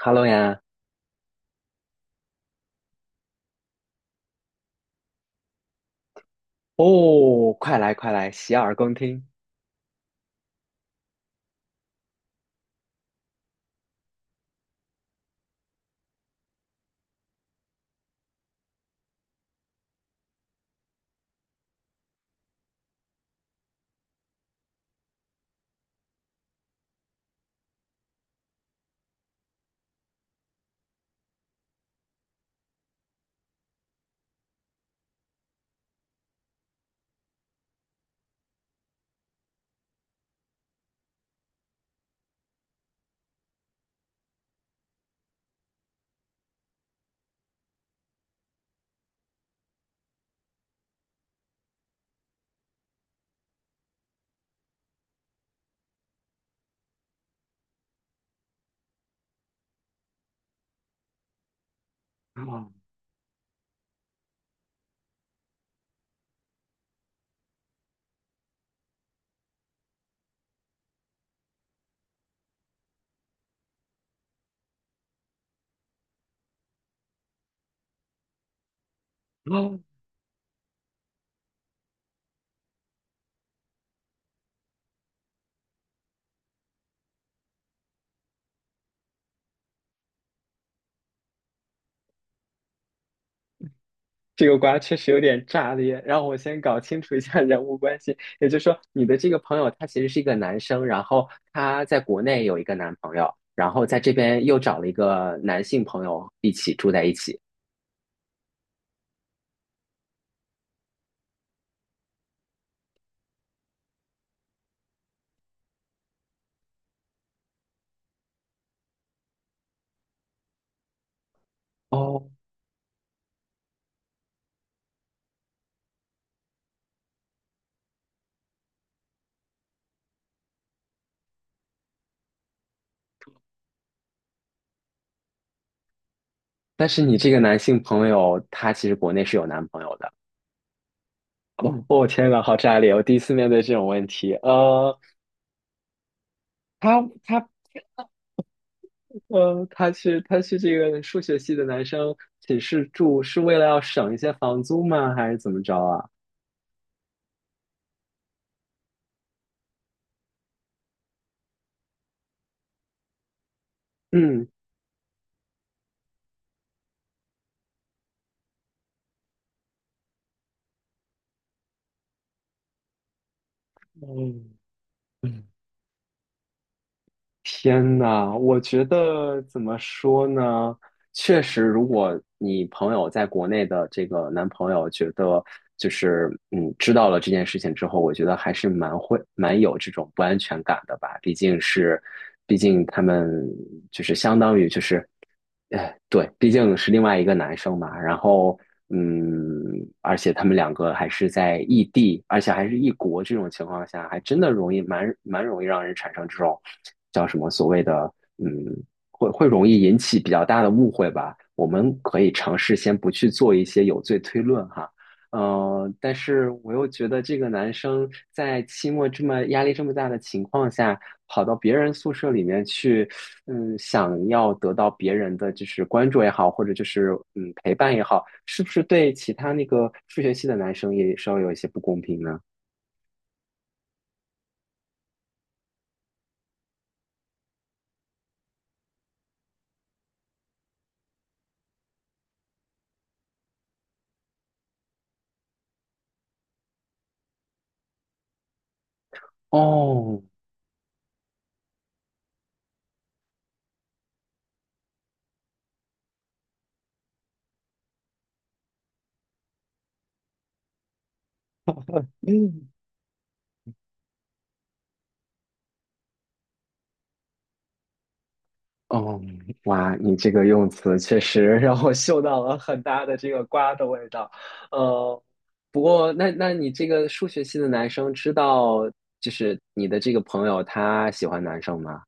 Hello 呀，哦，快来快来，洗耳恭听。哦，哦，这个瓜确实有点炸裂，让我先搞清楚一下人物关系。也就是说，你的这个朋友他其实是一个男生，然后他在国内有一个男朋友，然后在这边又找了一个男性朋友一起住在一起。哦，但是你这个男性朋友他其实国内是有男朋友的。哦，我天呐，好炸裂！我第一次面对这种问题。他他去这个数学系的男生寝室住，是为了要省一些房租吗？还是怎么着啊？嗯，嗯嗯，天呐，我觉得怎么说呢？确实，如果你朋友在国内的这个男朋友觉得就是嗯知道了这件事情之后，我觉得还是蛮有这种不安全感的吧。毕竟是，毕竟他们就是相当于就是。对，毕竟是另外一个男生嘛，然后，嗯，而且他们两个还是在异地，而且还是异国这种情况下，还真的容易蛮容易让人产生这种叫什么所谓的，嗯，会容易引起比较大的误会吧。我们可以尝试先不去做一些有罪推论哈，但是我又觉得这个男生在期末这么压力这么大的情况下，跑到别人宿舍里面去，嗯，想要得到别人的就是关注也好，或者就是嗯陪伴也好，是不是对其他那个数学系的男生也稍微有一些不公平呢？哦，嗯。哦，哇，你这个用词确实让我嗅到了很大的这个瓜的味道。呃，不过那你这个数学系的男生知道，就是你的这个朋友他喜欢男生吗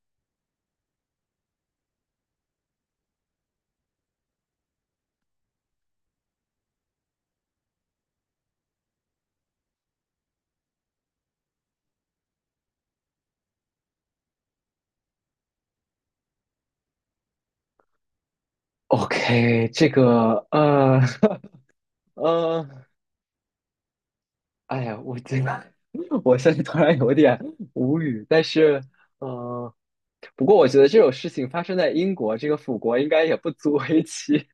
？OK，这个呃，哎呀，我这个 我现在突然有点无语，但是呃，不过我觉得这种事情发生在英国这个腐国应该也不足为奇。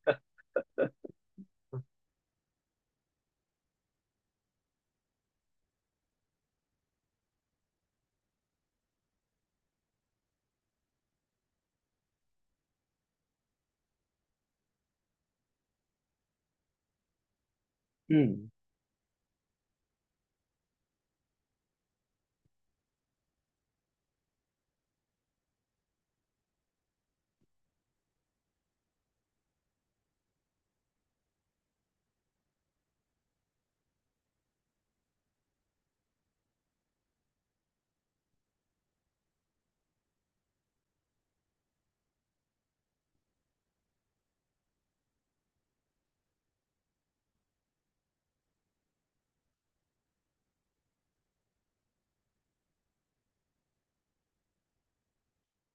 嗯。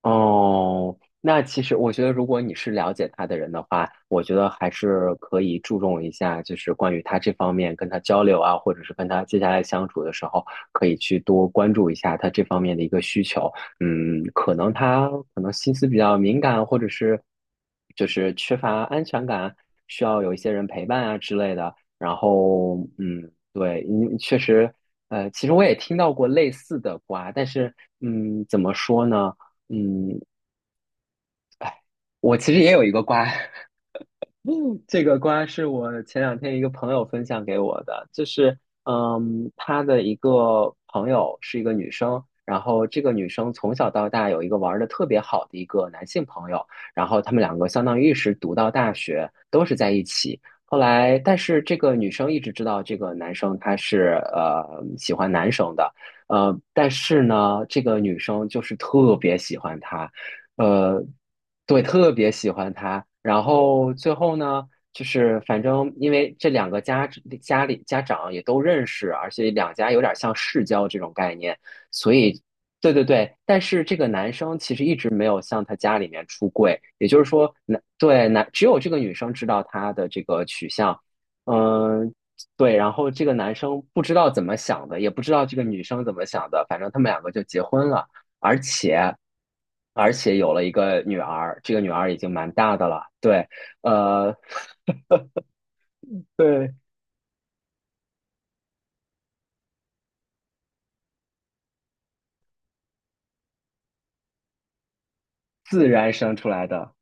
哦，那其实我觉得，如果你是了解他的人的话，我觉得还是可以注重一下，就是关于他这方面跟他交流啊，或者是跟他接下来相处的时候，可以去多关注一下他这方面的一个需求。嗯，可能他可能心思比较敏感，或者是就是缺乏安全感，需要有一些人陪伴啊之类的。然后，嗯，对，你确实。其实我也听到过类似的瓜，但是，嗯，怎么说呢？嗯，哎，我其实也有一个瓜，这个瓜是我前两天一个朋友分享给我的，就是，嗯，他的一个朋友是一个女生，然后这个女生从小到大有一个玩的特别好的一个男性朋友，然后他们两个相当于一直读到大学，都是在一起。后来，但是这个女生一直知道这个男生他是喜欢男生的，但是呢，这个女生就是特别喜欢他。呃，对，特别喜欢他。然后最后呢，就是反正因为这两个家家长也都认识，而且两家有点像世交这种概念，所以对对对。但是这个男生其实一直没有向他家里面出柜，也就是说，男对男只有这个女生知道他的这个取向，嗯。对，然后这个男生不知道怎么想的，也不知道这个女生怎么想的，反正他们两个就结婚了。而且有了一个女儿，这个女儿已经蛮大的了，对，呃，对，自然生出来的，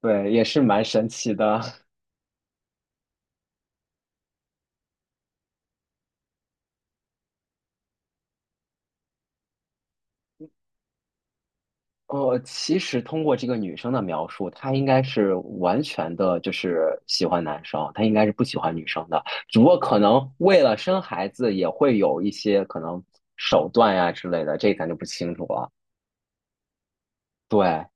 对，也是蛮神奇的。哦，其实通过这个女生的描述，她应该是完全的，就是喜欢男生，她应该是不喜欢女生的。只不过可能为了生孩子，也会有一些可能手段呀之类的，这咱就不清楚了。对，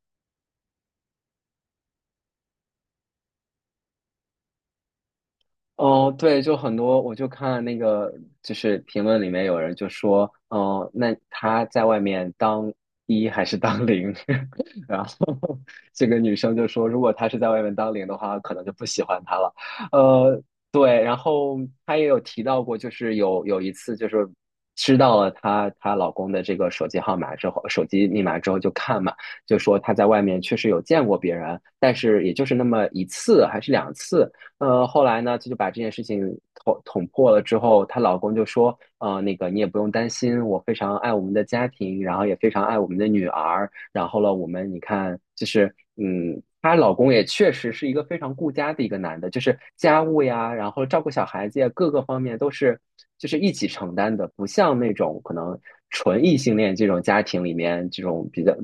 哦，对，就很多，我就看那个，就是评论里面有人就说，哦，那他在外面当一还是当零？然后这个女生就说，如果他是在外面当零的话，可能就不喜欢他了。呃，对，然后她也有提到过，就是有一次，就是知道了她老公的这个手机号码之后，手机密码之后就看嘛，就说她在外面确实有见过别人，但是也就是那么一次还是两次。后来呢，就把这件事情捅破了之后，她老公就说，那个你也不用担心，我非常爱我们的家庭，然后也非常爱我们的女儿，然后了，我们你看，就是嗯，她老公也确实是一个非常顾家的一个男的，就是家务呀，然后照顾小孩子呀，各个方面都是就是一起承担的，不像那种可能纯异性恋这种家庭里面这种比较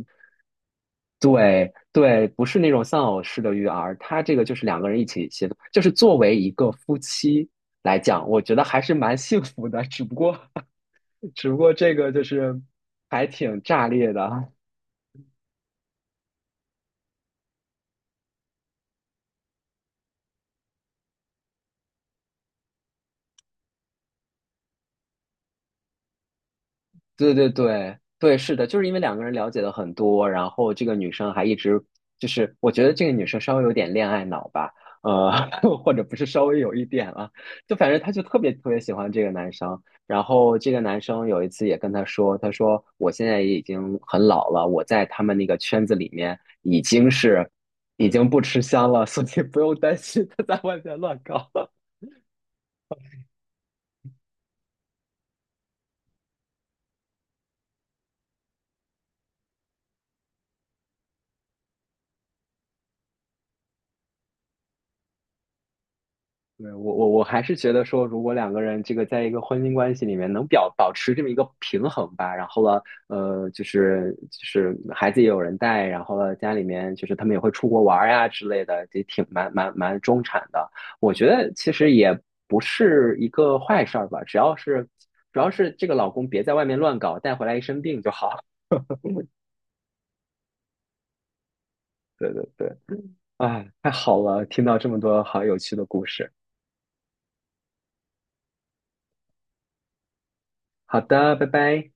对对，不是那种丧偶式的育儿，他这个就是两个人一起协作，就是作为一个夫妻来讲，我觉得还是蛮幸福的，只不过 只不过这个就是还挺炸裂的，对对对对，是的，就是因为两个人了解的很多，然后这个女生还一直就是，我觉得这个女生稍微有点恋爱脑吧，呃，或者不是稍微有一点啊，就反正她就特别喜欢这个男生，然后这个男生有一次也跟她说，她说我现在也已经很老了，我在他们那个圈子里面已经是已经不吃香了，所以不用担心他在外面乱搞。对，我还是觉得说，如果两个人这个在一个婚姻关系里面能保持这么一个平衡吧，然后了，就是孩子也有人带，然后了家里面就是他们也会出国玩儿呀之类的，也挺蛮中产的。我觉得其实也不是一个坏事儿吧，只要是主要是这个老公别在外面乱搞，带回来一身病就好了。对对对，啊，太好了，听到这么多好有趣的故事。好的，拜拜。